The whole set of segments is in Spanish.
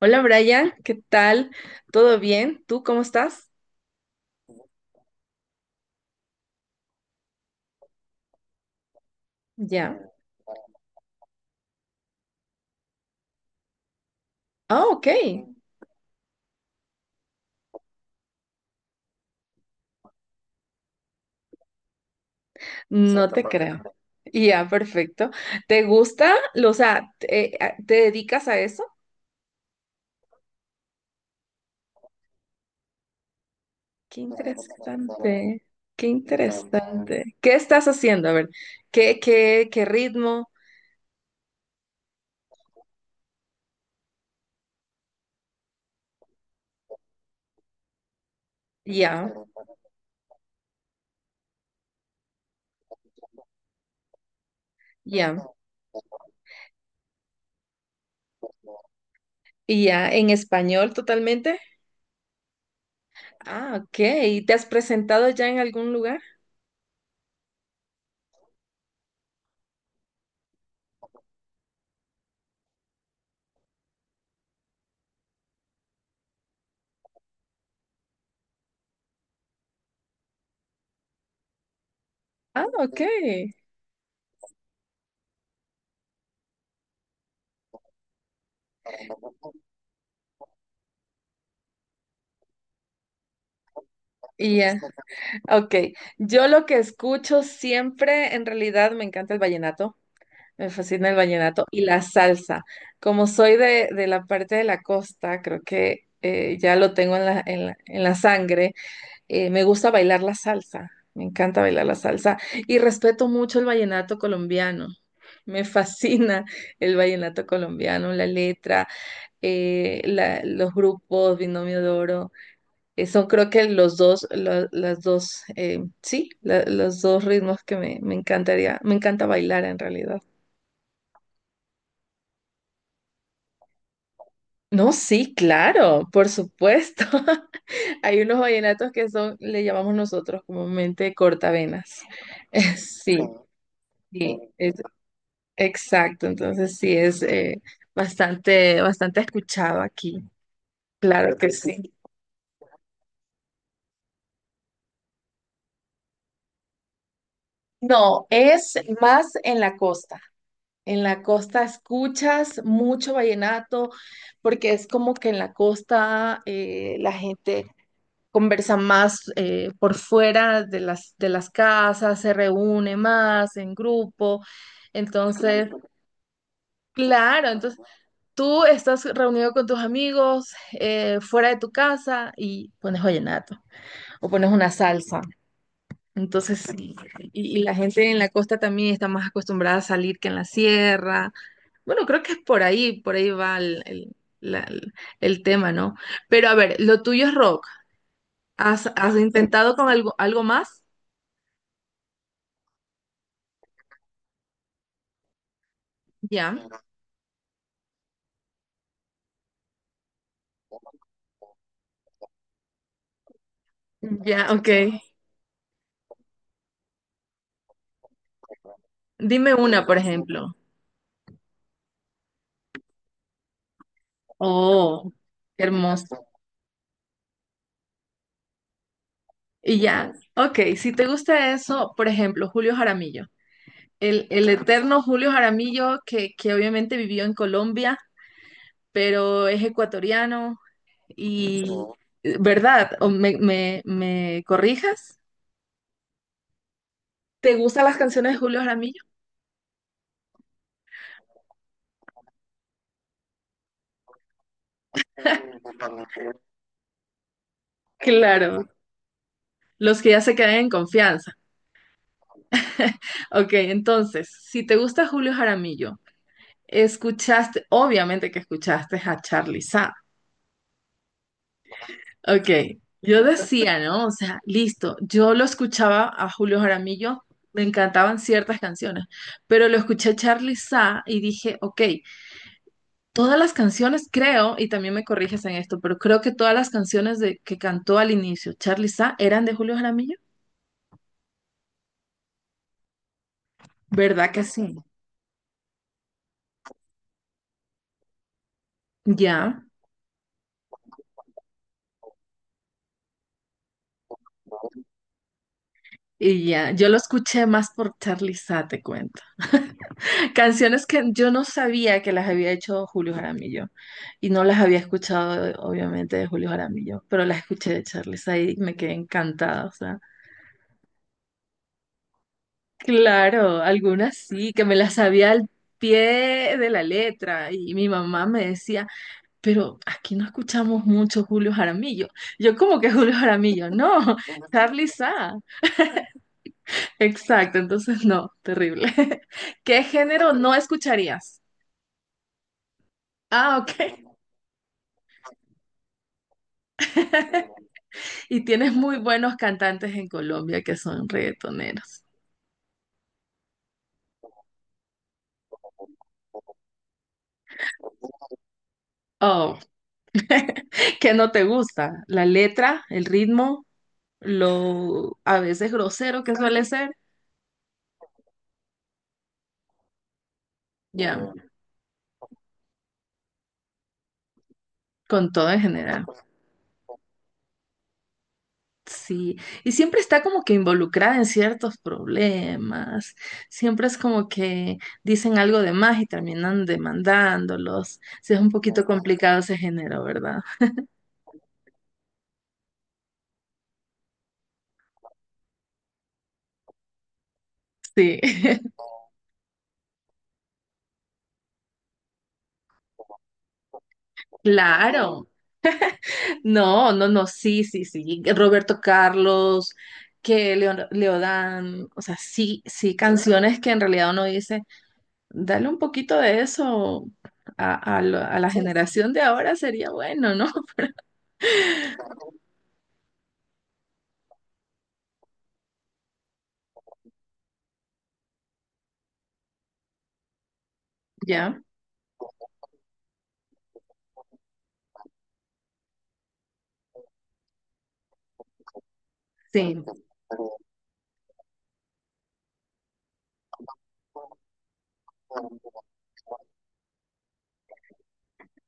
Hola Brian, ¿qué tal? ¿Todo bien? ¿Tú cómo estás? Ya. Ah, ok. No te creo. Perfecto. Ya, perfecto. ¿Te gusta? ¿Te dedicas a eso? Qué interesante. Qué interesante. ¿Qué estás haciendo? A ver, qué ritmo? Ya, ya. ¿Y ya en español totalmente? Ah, ok. ¿Y te has presentado ya en algún lugar? Ah, ok. Ya. Ok, yo lo que escucho siempre, en realidad me encanta el vallenato, me fascina el vallenato y la salsa. Como soy de la parte de la costa, creo que ya lo tengo en en la sangre. Me gusta bailar la salsa, me encanta bailar la salsa y respeto mucho el vallenato colombiano. Me fascina el vallenato colombiano, la letra, los grupos, Binomio de Oro. Son creo que los dos, las dos, sí, los dos ritmos que me encantaría, me encanta bailar en realidad. No, sí, claro, por supuesto. Hay unos vallenatos que son, le llamamos nosotros comúnmente cortavenas. Sí, sí, es, exacto. Entonces sí es bastante, bastante escuchado aquí. Claro que sí. No, es más en la costa. En la costa escuchas mucho vallenato, porque es como que en la costa la gente conversa más por fuera de de las casas, se reúne más en grupo. Entonces, claro, entonces tú estás reunido con tus amigos fuera de tu casa y pones vallenato o pones una salsa. Entonces, y la gente en la costa también está más acostumbrada a salir que en la sierra. Bueno, creo que es por ahí va el tema, ¿no? Pero a ver, lo tuyo es rock. Has intentado con algo, algo más? Ya, ya, ok. Dime una, por ejemplo. Oh, qué hermoso. Y ya, ok, si te gusta eso, por ejemplo, Julio Jaramillo, el eterno Julio Jaramillo que obviamente vivió en Colombia, pero es ecuatoriano y, ¿verdad? ¿O me corrijas? ¿Te gustan las canciones de Julio Jaramillo? Claro, los que ya se quedan en confianza. Ok, entonces, si te gusta Julio Jaramillo, escuchaste, obviamente que escuchaste a Charly Sa. Ok, yo decía, ¿no? O sea, listo, yo lo escuchaba a Julio Jaramillo, me encantaban ciertas canciones, pero lo escuché a Charly Sa y dije, ok, todas las canciones creo, y también me corriges en esto, pero creo que todas las canciones de, que cantó al inicio Charly Sa eran de Julio Jaramillo. ¿Verdad que sí? Ya, y ya. Yo lo escuché más por Charly Sa, te cuento. Canciones que yo no sabía que las había hecho Julio Jaramillo. Y no las había escuchado, obviamente, de Julio Jaramillo, pero las escuché de Charly Sa y me quedé encantada. O sea, claro, algunas sí, que me las sabía al pie de la letra. Y mi mamá me decía, pero aquí no escuchamos mucho Julio Jaramillo. Yo, como que ¿Julio Jaramillo? No, Charly Sa. Exacto, entonces no, terrible. ¿Qué género no escucharías? Ah, ok. Y tienes muy buenos cantantes en Colombia que son reggaetoneros. Oh, ¿qué no te gusta? La letra, el ritmo, lo a veces grosero que suele ser. Ya, con todo en general. Sí, y siempre está como que involucrada en ciertos problemas, siempre es como que dicen algo de más y terminan demandándolos. Sí, es un poquito complicado ese género, ¿verdad? Sí, claro. No, no, no, sí, sí, sí. Roberto Carlos, que Leodán, o sea, sí, sí, canciones que en realidad uno dice, dale un poquito de eso a, a la generación de ahora sería bueno, ¿no? Ya, sí.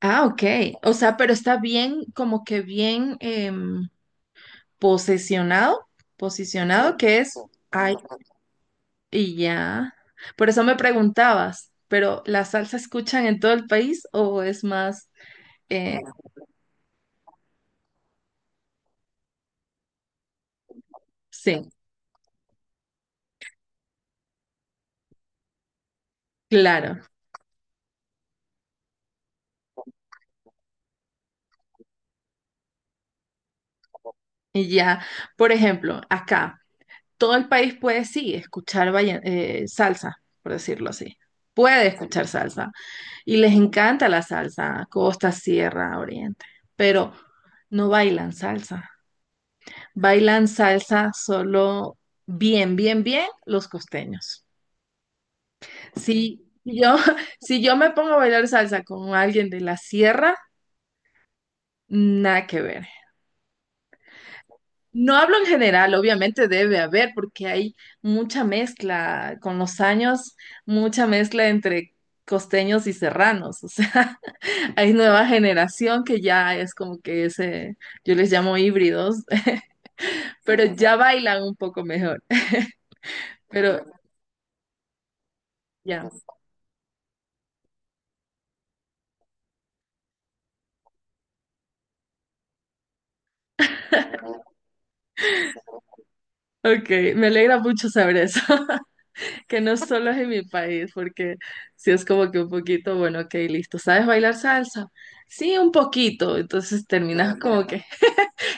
Ah, ok. O sea, pero está bien, como que bien posesionado, posicionado, que es, ay, y ya. Por eso me preguntabas, pero ¿la salsa escuchan en todo el país o es más, eh, sí, claro, y ya. Por ejemplo, acá, todo el país puede, sí, escuchar salsa, por decirlo así. Puede escuchar salsa. Y les encanta la salsa, costa, sierra, oriente. Pero no bailan salsa. Bailan salsa solo bien, bien, bien los costeños. Si yo, si yo me pongo a bailar salsa con alguien de la sierra, nada que ver. No hablo en general, obviamente debe haber, porque hay mucha mezcla con los años, mucha mezcla entre costeños y serranos. O sea, hay nueva generación que ya es como que ese, yo les llamo híbridos, pero ya bailan un poco mejor. Pero ya. Ok, me alegra mucho saber eso, que no solo es en mi país, porque si es como que un poquito, bueno, ok, listo, ¿sabes bailar salsa? Sí, un poquito, entonces terminas como que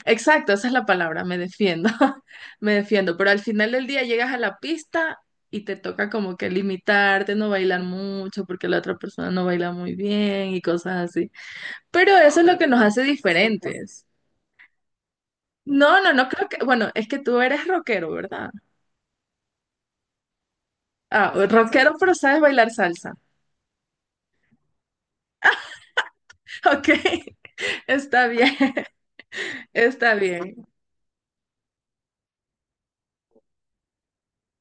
exacto, esa es la palabra, me defiendo, me defiendo, pero al final del día llegas a la pista y te toca como que limitarte, no bailar mucho porque la otra persona no baila muy bien y cosas así. Pero eso es lo que nos hace diferentes. No, no, no creo que, bueno, es que tú eres rockero, ¿verdad? Ah, rockero, pero sabes bailar salsa. Ok, está bien, está bien.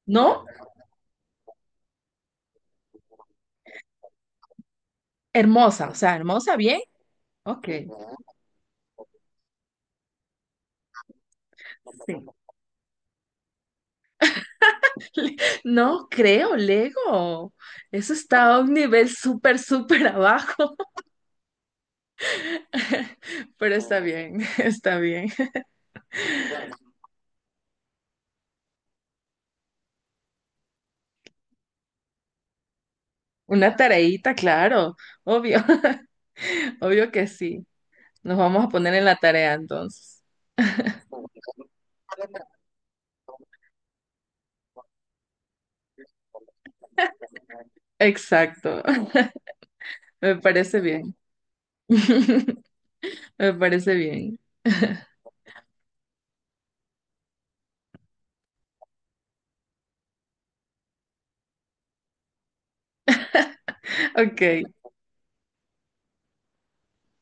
¿No? Hermosa, o sea, hermosa, bien. Ok. Sí. Le- No creo, Lego. Eso está a un nivel súper, súper abajo, pero está bien, está bien. Una tareita, claro, obvio, obvio que sí. Nos vamos a poner en la tarea entonces. Exacto, me parece bien. Me parece bien. Ok.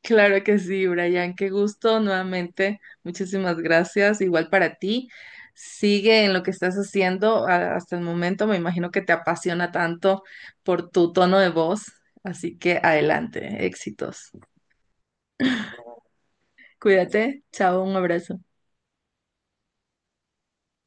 Claro que sí, Brian, qué gusto nuevamente. Muchísimas gracias. Igual para ti. Sigue en lo que estás haciendo hasta el momento. Me imagino que te apasiona tanto por tu tono de voz. Así que adelante, éxitos. Cuídate. Chao, un abrazo.